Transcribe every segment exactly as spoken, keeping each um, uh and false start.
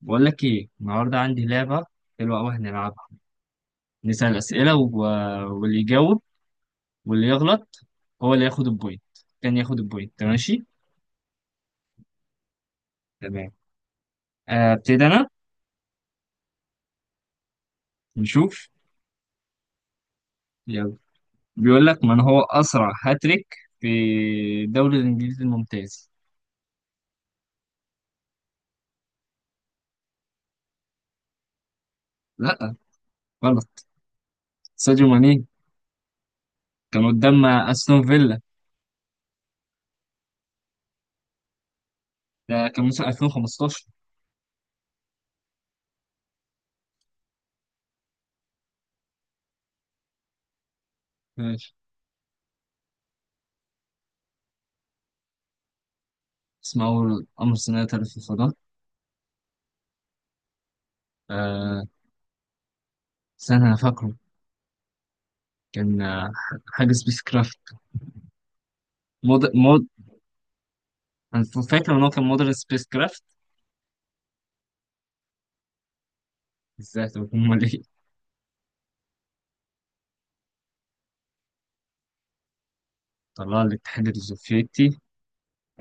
بقول لك ايه النهارده عندي لعبه حلوه قوي هنلعبها. نسال اسئله و... واللي يجاوب واللي يغلط هو اللي ياخد البوينت. كان ياخد البوينت، ماشي؟ تمام. آه، ابتدي انا. نشوف. يلا. بيقول لك: من هو اسرع هاتريك في الدوري الانجليزي الممتاز؟ لا، غلط. ساديو ماني، كان قدام استون فيلا. ده كان موسم ألفين وخمستاشر. ماشي. اسمه اول امر صناعي في الفضاء. آه، استنى انا فاكره. كان آه، حاجه سبيس كرافت. أنا فاكر إن هو كان مدرس سبيس كرافت. إزاي؟ طب أمال إيه؟ طلع الاتحاد السوفيتي.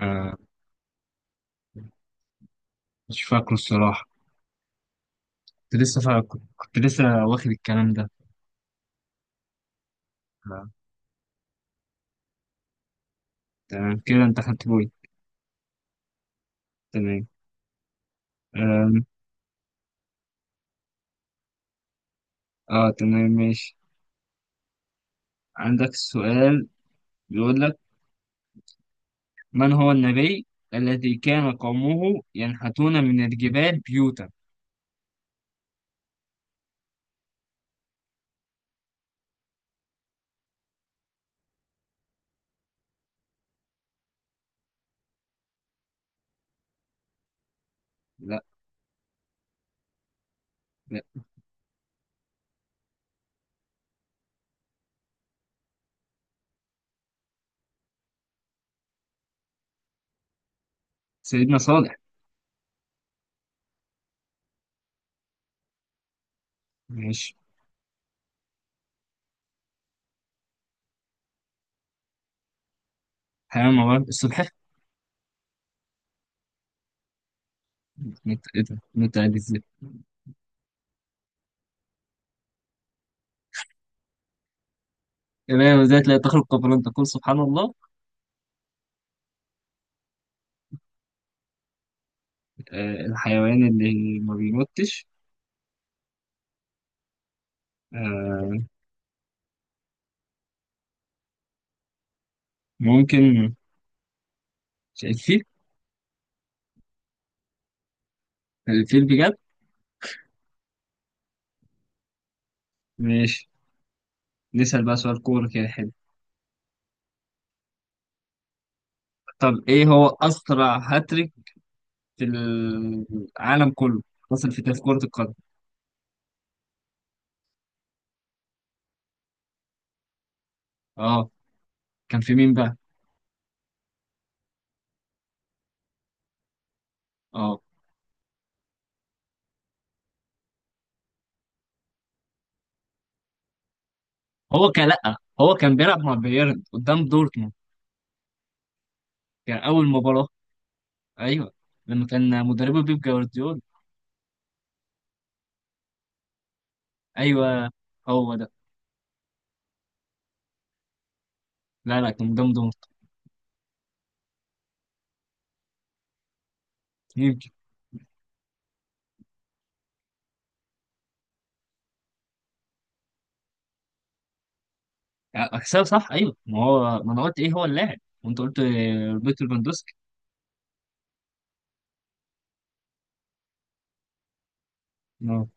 آه، مش فاكره الصراحة. كنت لسه فاكر، كنت كنت لسه واخد الكلام ده. آه. تمام كده، أنت خدت بوي. تمام. آم، آه تمام، ماشي. عندك سؤال. بيقول لك: من هو النبي الذي كان قومه ينحتون من الجبال بيوتا؟ لا. لا. سيدنا صالح. ماشي. حيوان موارد السلحفاة. إيه ده؟ إيه ده؟ إزاي؟ إيه ده؟ إزاي تلاقي تخرج قبل أن تقول سبحان الله. آه، الحيوان اللي ما بيموتش. آه، ممكن الفيل. الفيل بجد. ماشي. نسأل بقى سؤال كورة، كده حلو. طب ايه هو أسرع هاتريك في العالم كله، حصل في تاريخ كرة القدم؟ اه. كان في مين بقى؟ اه، هو كان، لأ هو كان بيلعب مع بايرن قدام دورتموند. كان أول مباراة، أيوه، لما كان مدربه بيب جوارديولا. أيوه، هو ده. لا لا، كان قدام دورتموند. اكسل صح. ايوه، ما هو ما انا قلت ايه هو اللاعب وانت قلت روبرت ليفاندوسكي. اه.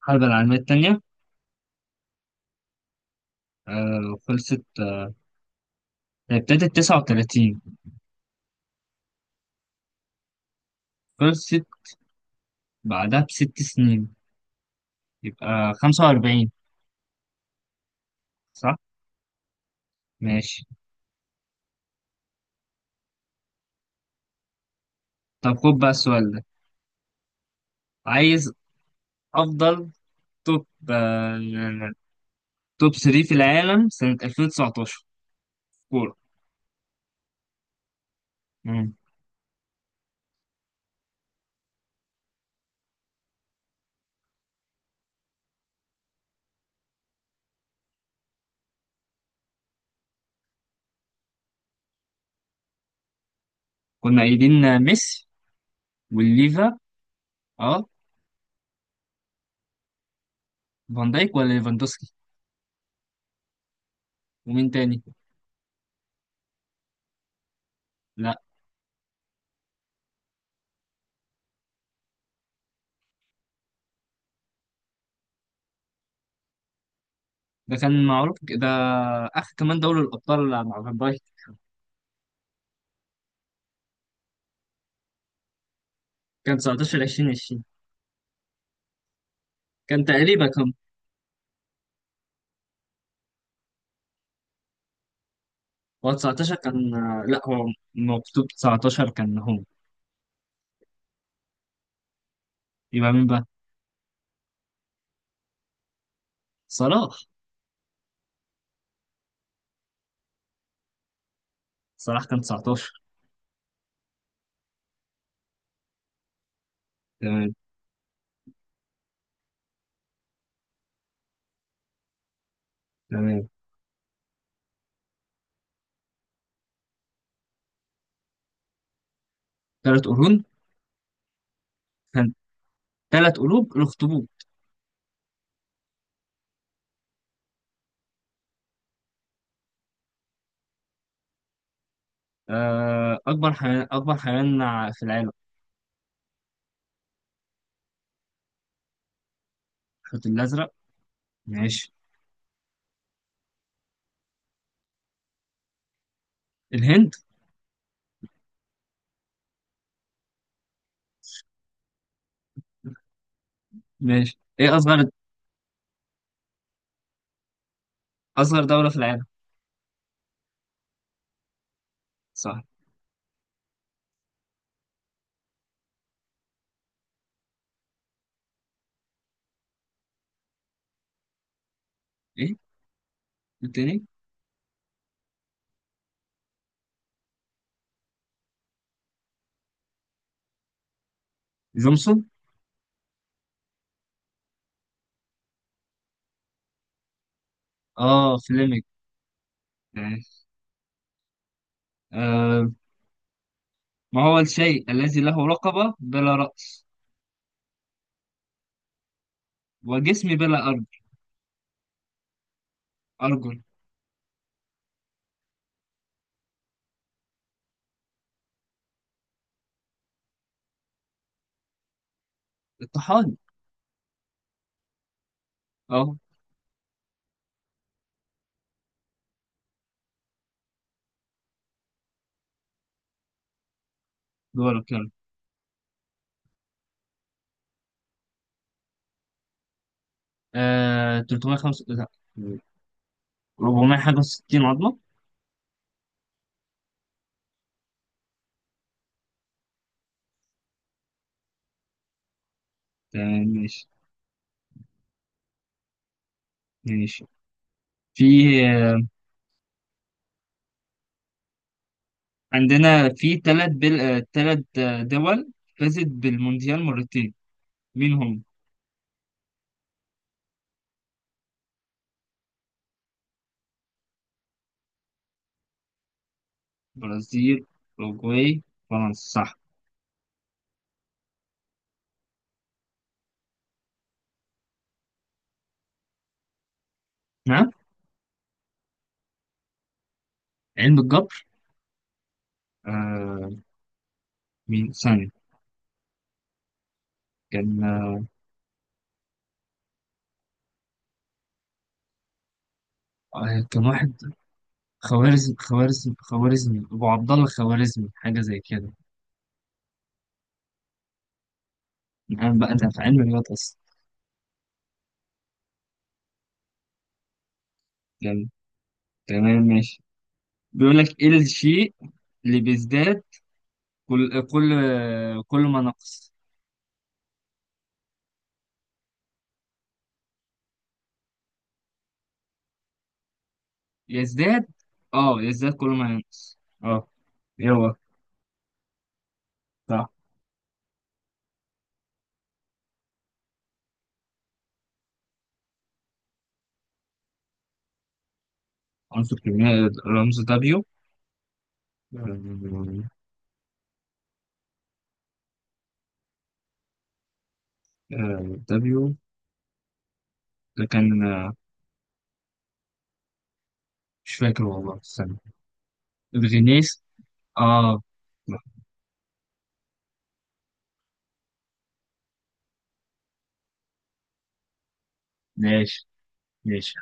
الحرب العالميه الثانيه، آه، خلصت. آه، ابتدت تسعة وتلاتين، خلصت بعدها بست سنين، يبقى خمسة وأربعين. صح. ماشي. طب خد بقى السؤال ده. عايز افضل توب، آه توب تلاتة في العالم سنه ألفين وتسعتاشر، كوره. مم. كنا قايلين ميسي والليفا. اه. فان دايك ولا ليفاندوسكي؟ ومين تاني؟ لا، ده كان معروف ده، اخر كمان دوري الابطال مع فان بايك. كان تسعتاشر ألفين وعشرين، كان تقريبا كان. هو تسعتاشر كان، آه، لا هو مكتوب تسعة عشر، كان هو. يبقى مين بقى؟ صلاح. صلاح كان تسعتاشر. تمام. تمام. ثلاث قرون. كان ثلاث قلوب الاخطبوط. آه، اكبر حيوان، اكبر حيوان في العالم. الحوت الازرق. ماشي. الهند. ماشي. ايه اصغر، اصغر دولة في العالم؟ صح. ايه التاني؟ جونسون. اه، فليمنج. ماشي. آه، ما هو الشيء الذي له رقبة بلا رأس وجسم بلا أرجل؟ أرجل. الطحال. أهو. دورك يلا. آه، تلتمية وخمسة، لا، أربعمية حاجة وستين عظمة. تمام ماشي. ماشي. في، آه، عندنا في تلات بل... آه، تلات آه، دول فازت بالمونديال مرتين. مين هم؟ برازيل، أوروجواي، فرنسا. صح. ها. علم الجبر. آه، مين ثانية. كان، آه كان واحد، خوارزم خوارزم خوارزمي، أبو عبد الله الخوارزمي، حاجة زي كده. أنا بقى، أنا في علم الرياضة أصلا. جامد. تمام ماشي. بيقول لك: إيه الشيء اللي بيزداد كل كل كل ما نقص؟ يزداد، أه، يزداد كل ما ينقص، أه. يلا. صح. عنصر كيميائي رمز دبليو. آه، دبليو، ده كان، آه، مش فاكر والله، استنى. الغنيس. أه. ماشي. ماشي.